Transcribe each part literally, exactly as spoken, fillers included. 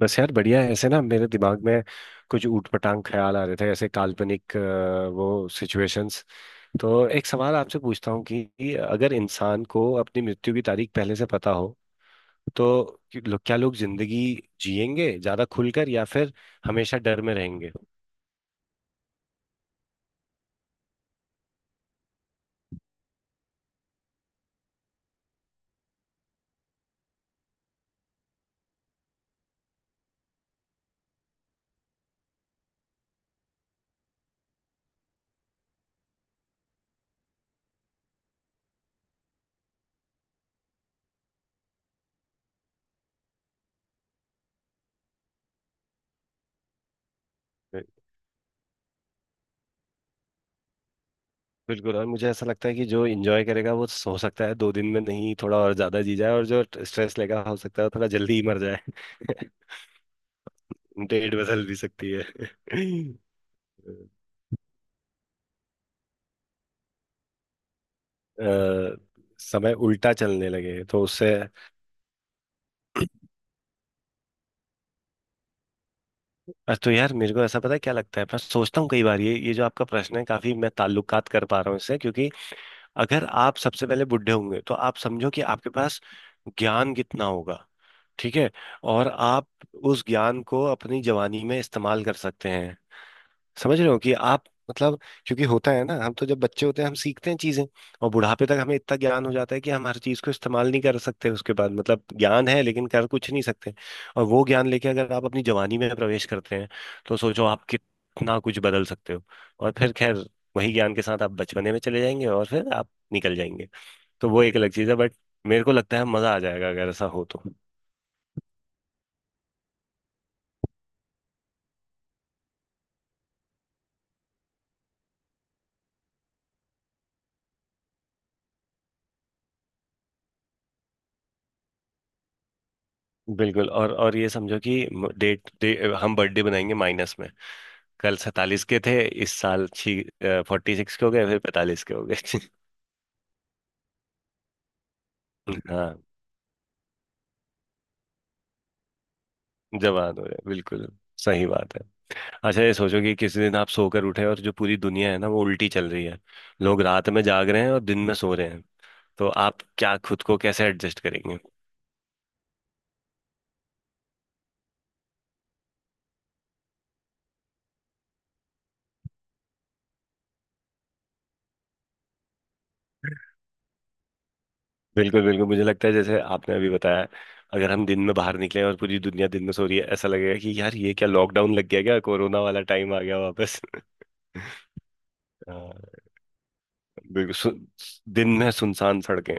बस यार बढ़िया है ऐसे ना। मेरे दिमाग में कुछ ऊटपटांग ख्याल आ रहे थे, ऐसे काल्पनिक अ, वो सिचुएशंस। तो एक सवाल आपसे पूछता हूँ कि अगर इंसान को अपनी मृत्यु की तारीख पहले से पता हो तो कि- लो- क्या लोग जिंदगी जिएंगे ज्यादा खुलकर, या फिर हमेशा डर में रहेंगे? बिल्कुल। और मुझे ऐसा लगता है कि जो इंजॉय करेगा वो हो सकता है दो दिन में नहीं थोड़ा और ज्यादा जी जाए, और जो स्ट्रेस लेगा हो सकता है वो थोड़ा जल्दी ही मर जाए। डेट बदल भी सकती है। अ, समय उल्टा चलने लगे तो उससे। बस तो यार, मेरे को ऐसा पता है क्या लगता है, मैं सोचता हूँ कई बार ये ये जो आपका प्रश्न है, काफी मैं ताल्लुकात कर पा रहा हूँ इससे, क्योंकि अगर आप सबसे पहले बुढ़े होंगे तो आप समझो कि आपके पास ज्ञान कितना होगा। ठीक है। और आप उस ज्ञान को अपनी जवानी में इस्तेमाल कर सकते हैं। समझ रहे हो कि आप, मतलब, क्योंकि होता है ना, हम तो जब बच्चे होते हैं हम सीखते हैं चीजें, और बुढ़ापे तक हमें इतना ज्ञान हो जाता है कि हम हर चीज को इस्तेमाल नहीं कर सकते उसके बाद, मतलब ज्ञान है लेकिन कर कुछ नहीं सकते। और वो ज्ञान लेके अगर आप अपनी जवानी में प्रवेश करते हैं, तो सोचो आप कितना कुछ बदल सकते हो। और फिर खैर, वही ज्ञान के साथ आप बचपने में चले जाएंगे और फिर आप निकल जाएंगे। तो वो एक अलग चीज है, बट मेरे को लगता है मजा आ जाएगा अगर ऐसा हो तो। बिल्कुल। और और ये समझो कि डेट डे, हम बर्थडे बनाएंगे माइनस में। कल सैतालीस के थे, इस साल छी फोर्टी सिक्स के हो गए, फिर पैंतालीस के हो गए। हाँ। जवान हो गए बिल्कुल। सही बात है। अच्छा ये सोचो कि किसी दिन आप सोकर उठे और जो पूरी दुनिया है ना, वो उल्टी चल रही है, लोग रात में जाग रहे हैं और दिन में सो रहे हैं, तो आप क्या, खुद को कैसे एडजस्ट करेंगे? बिल्कुल बिल्कुल। मुझे लगता है जैसे आपने अभी बताया, अगर हम दिन में बाहर निकले और पूरी दुनिया दिन में सो रही है, ऐसा लगेगा कि यार ये क्या, लॉकडाउन लग गया क्या, कोरोना वाला टाइम आ गया वापस? हाँ, बिल्कुल सु- दिन में सुनसान सड़कें।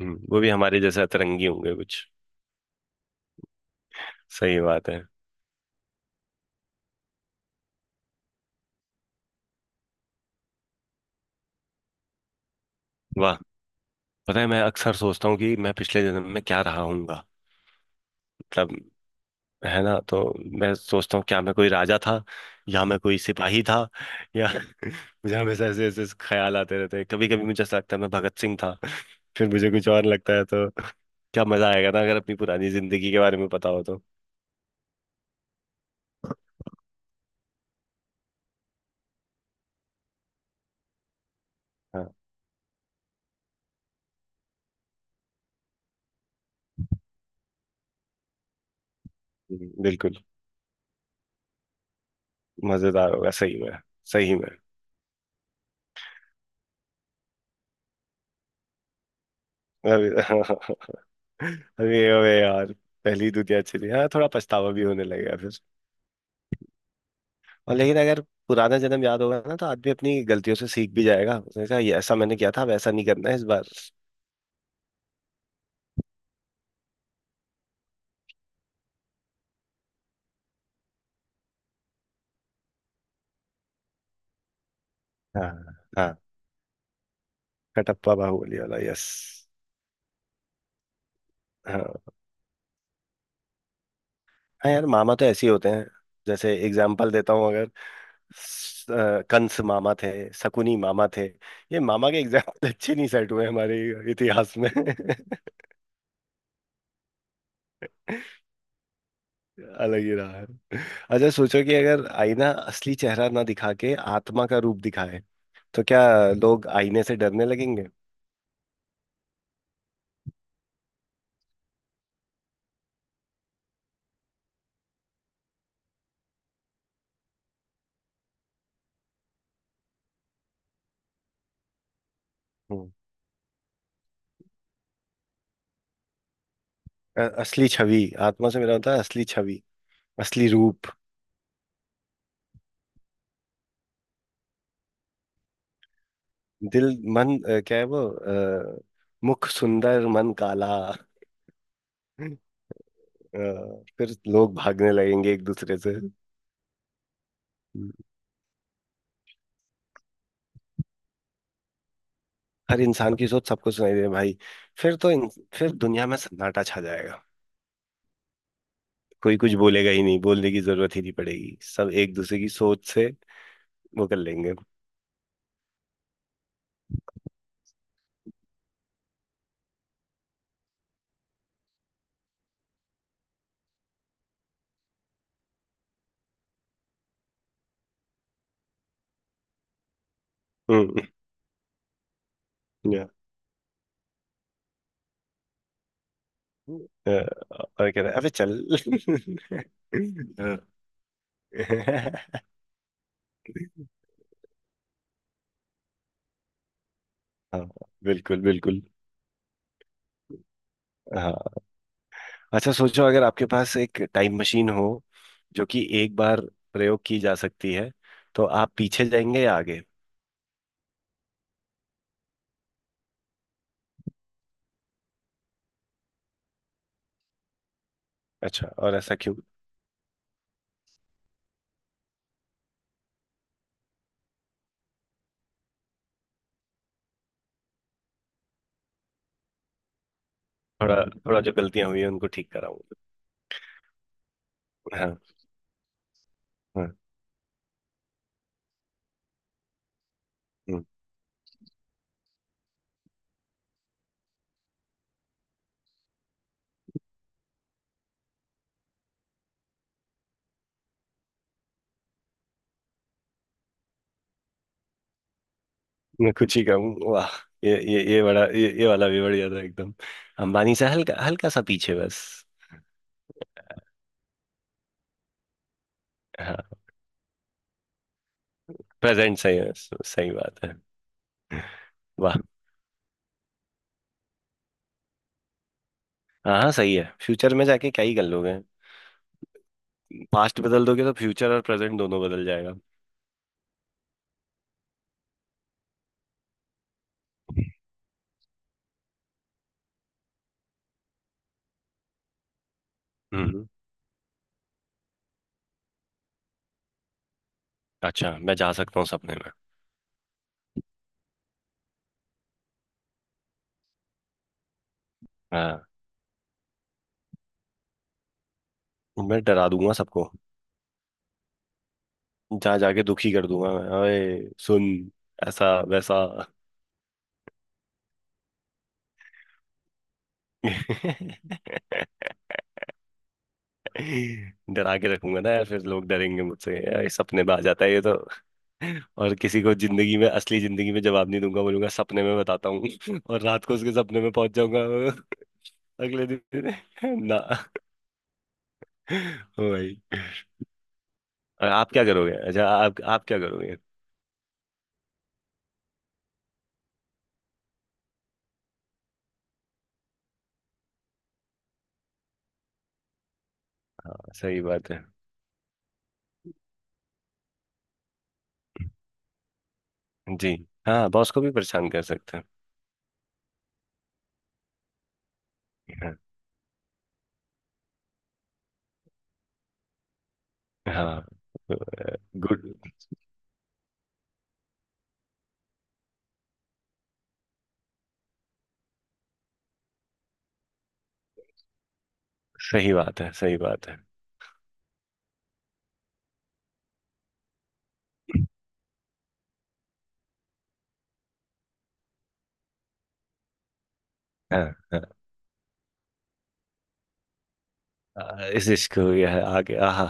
हम्म, वो भी हमारे जैसे अतरंगी होंगे कुछ। सही बात है। वाह! पता है, मैं अक्सर सोचता हूँ कि मैं पिछले जन्म में क्या रहा हूँगा। मतलब, है ना? तो मैं सोचता हूँ क्या मैं कोई राजा था, या मैं कोई सिपाही था, या मुझे हमेशा ऐसे ऐसे ख्याल आते रहते हैं। कभी कभी मुझे ऐसा लगता है मैं भगत सिंह था, फिर मुझे कुछ और लगता है तो। क्या मजा आएगा ना अगर अपनी पुरानी जिंदगी के बारे में पता हो तो। हाँ। हम्म, बिल्कुल। मजेदार होगा सही में। सही में। अरे अरे अरे यार, पहली दुनिया चली, हाँ थोड़ा पछतावा भी होने लगेगा फिर। और लेकिन अगर पुराना जन्म याद होगा ना, तो आदमी अपनी गलतियों से सीख भी जाएगा, उसने कहा ये ऐसा मैंने किया था, वैसा नहीं करना है इस बार। हाँ। हाँ। कटप्पा बाहुबली वाला, यस। हाँ। हाँ यार, मामा तो ऐसे ही होते हैं। जैसे एग्जाम्पल देता हूँ, अगर स- अ, कंस मामा थे, शकुनी मामा थे। ये मामा के एग्जाम्पल अच्छे नहीं सेट हुए हमारे इतिहास में। अलग ही रहा है। अच्छा, सोचो कि अगर आईना असली चेहरा ना दिखा के आत्मा का रूप दिखाए, तो क्या लोग आईने से डरने लगेंगे? हम्म। अ- असली छवि, आत्मा से मेरा होता है असली छवि, असली रूप। दिल, मन, अ, क्या है वो, अ, मुख सुंदर मन काला। अ, फिर लोग भागने लगेंगे एक दूसरे से। हम्म। हर इंसान की सोच सबको सुनाई दे भाई! फिर तो इन, फिर दुनिया में सन्नाटा छा जाएगा। कोई कुछ बोलेगा ही नहीं, बोलने की जरूरत ही नहीं पड़ेगी, सब एक दूसरे की सोच से वो कर लेंगे। हम्म। Yeah. अ, और कह रहा है अबे चल। हाँ। बिल्कुल बिल्कुल। हाँ। अच्छा, सोचो अगर आपके पास एक टाइम मशीन हो जो कि एक बार प्रयोग की जा सकती है, तो आप पीछे जाएंगे या आगे? अच्छा, और ऐसा क्यों? थोड़ा, थोड़ा जो गलतियां हुई हैं उनको ठीक कराऊं। हाँ। हाँ। हम्म, मैं कुछ ही कहूँ, वाह! ये ये ये बड़ा, ये, ये वाला भी बढ़िया था एकदम। अंबानी से हल्का हल्का सा पीछे बस। हाँ। प्रेजेंट सही। सही बात है। वाह। हाँ, हाँ सही है, फ्यूचर में जाके क्या ही कर लोगे। पास्ट बदल दोगे तो फ्यूचर और प्रेजेंट दोनों बदल जाएगा। हम्म। अच्छा, मैं जा सकता हूँ सपने में? हाँ। मैं डरा दूंगा सबको, जहाँ जाके दुखी कर दूंगा, मैं अरे सुन, ऐसा वैसा। डरा के रखूंगा ना यार, फिर लोग डरेंगे मुझसे, यार ये सपने में आ जाता है ये तो। और किसी को जिंदगी में, असली जिंदगी में जवाब नहीं दूंगा, बोलूंगा सपने में बताता हूँ और रात को उसके सपने में पहुंच जाऊंगा। अगले दिन ना। ओ भाई। और आप क्या करोगे? अच्छा, आप आप क्या करोगे? हाँ, सही बात है। जी। हाँ, बॉस को भी परेशान कर सकते हैं। हाँ। हाँ। गुड। सही बात है, सही बात है। हाँ। हाँ। आ, इस इश्क हो गया है आगे, आहा।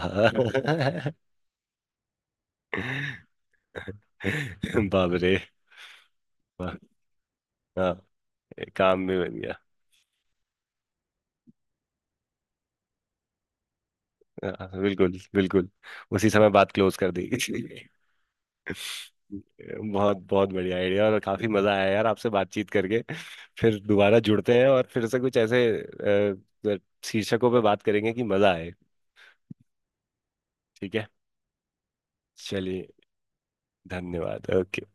बाप रे। वाह, हाँ, काम भी बन गया। हाँ, बिल्कुल बिल्कुल। उसी समय बात क्लोज कर दी। बहुत बहुत बढ़िया आइडिया, और काफी मजा आया यार आपसे बातचीत करके। फिर दोबारा जुड़ते हैं और फिर से कुछ ऐसे अ, शीर्षकों पे बात करेंगे कि मजा आए। ठीक है। चलिए, धन्यवाद। ओके।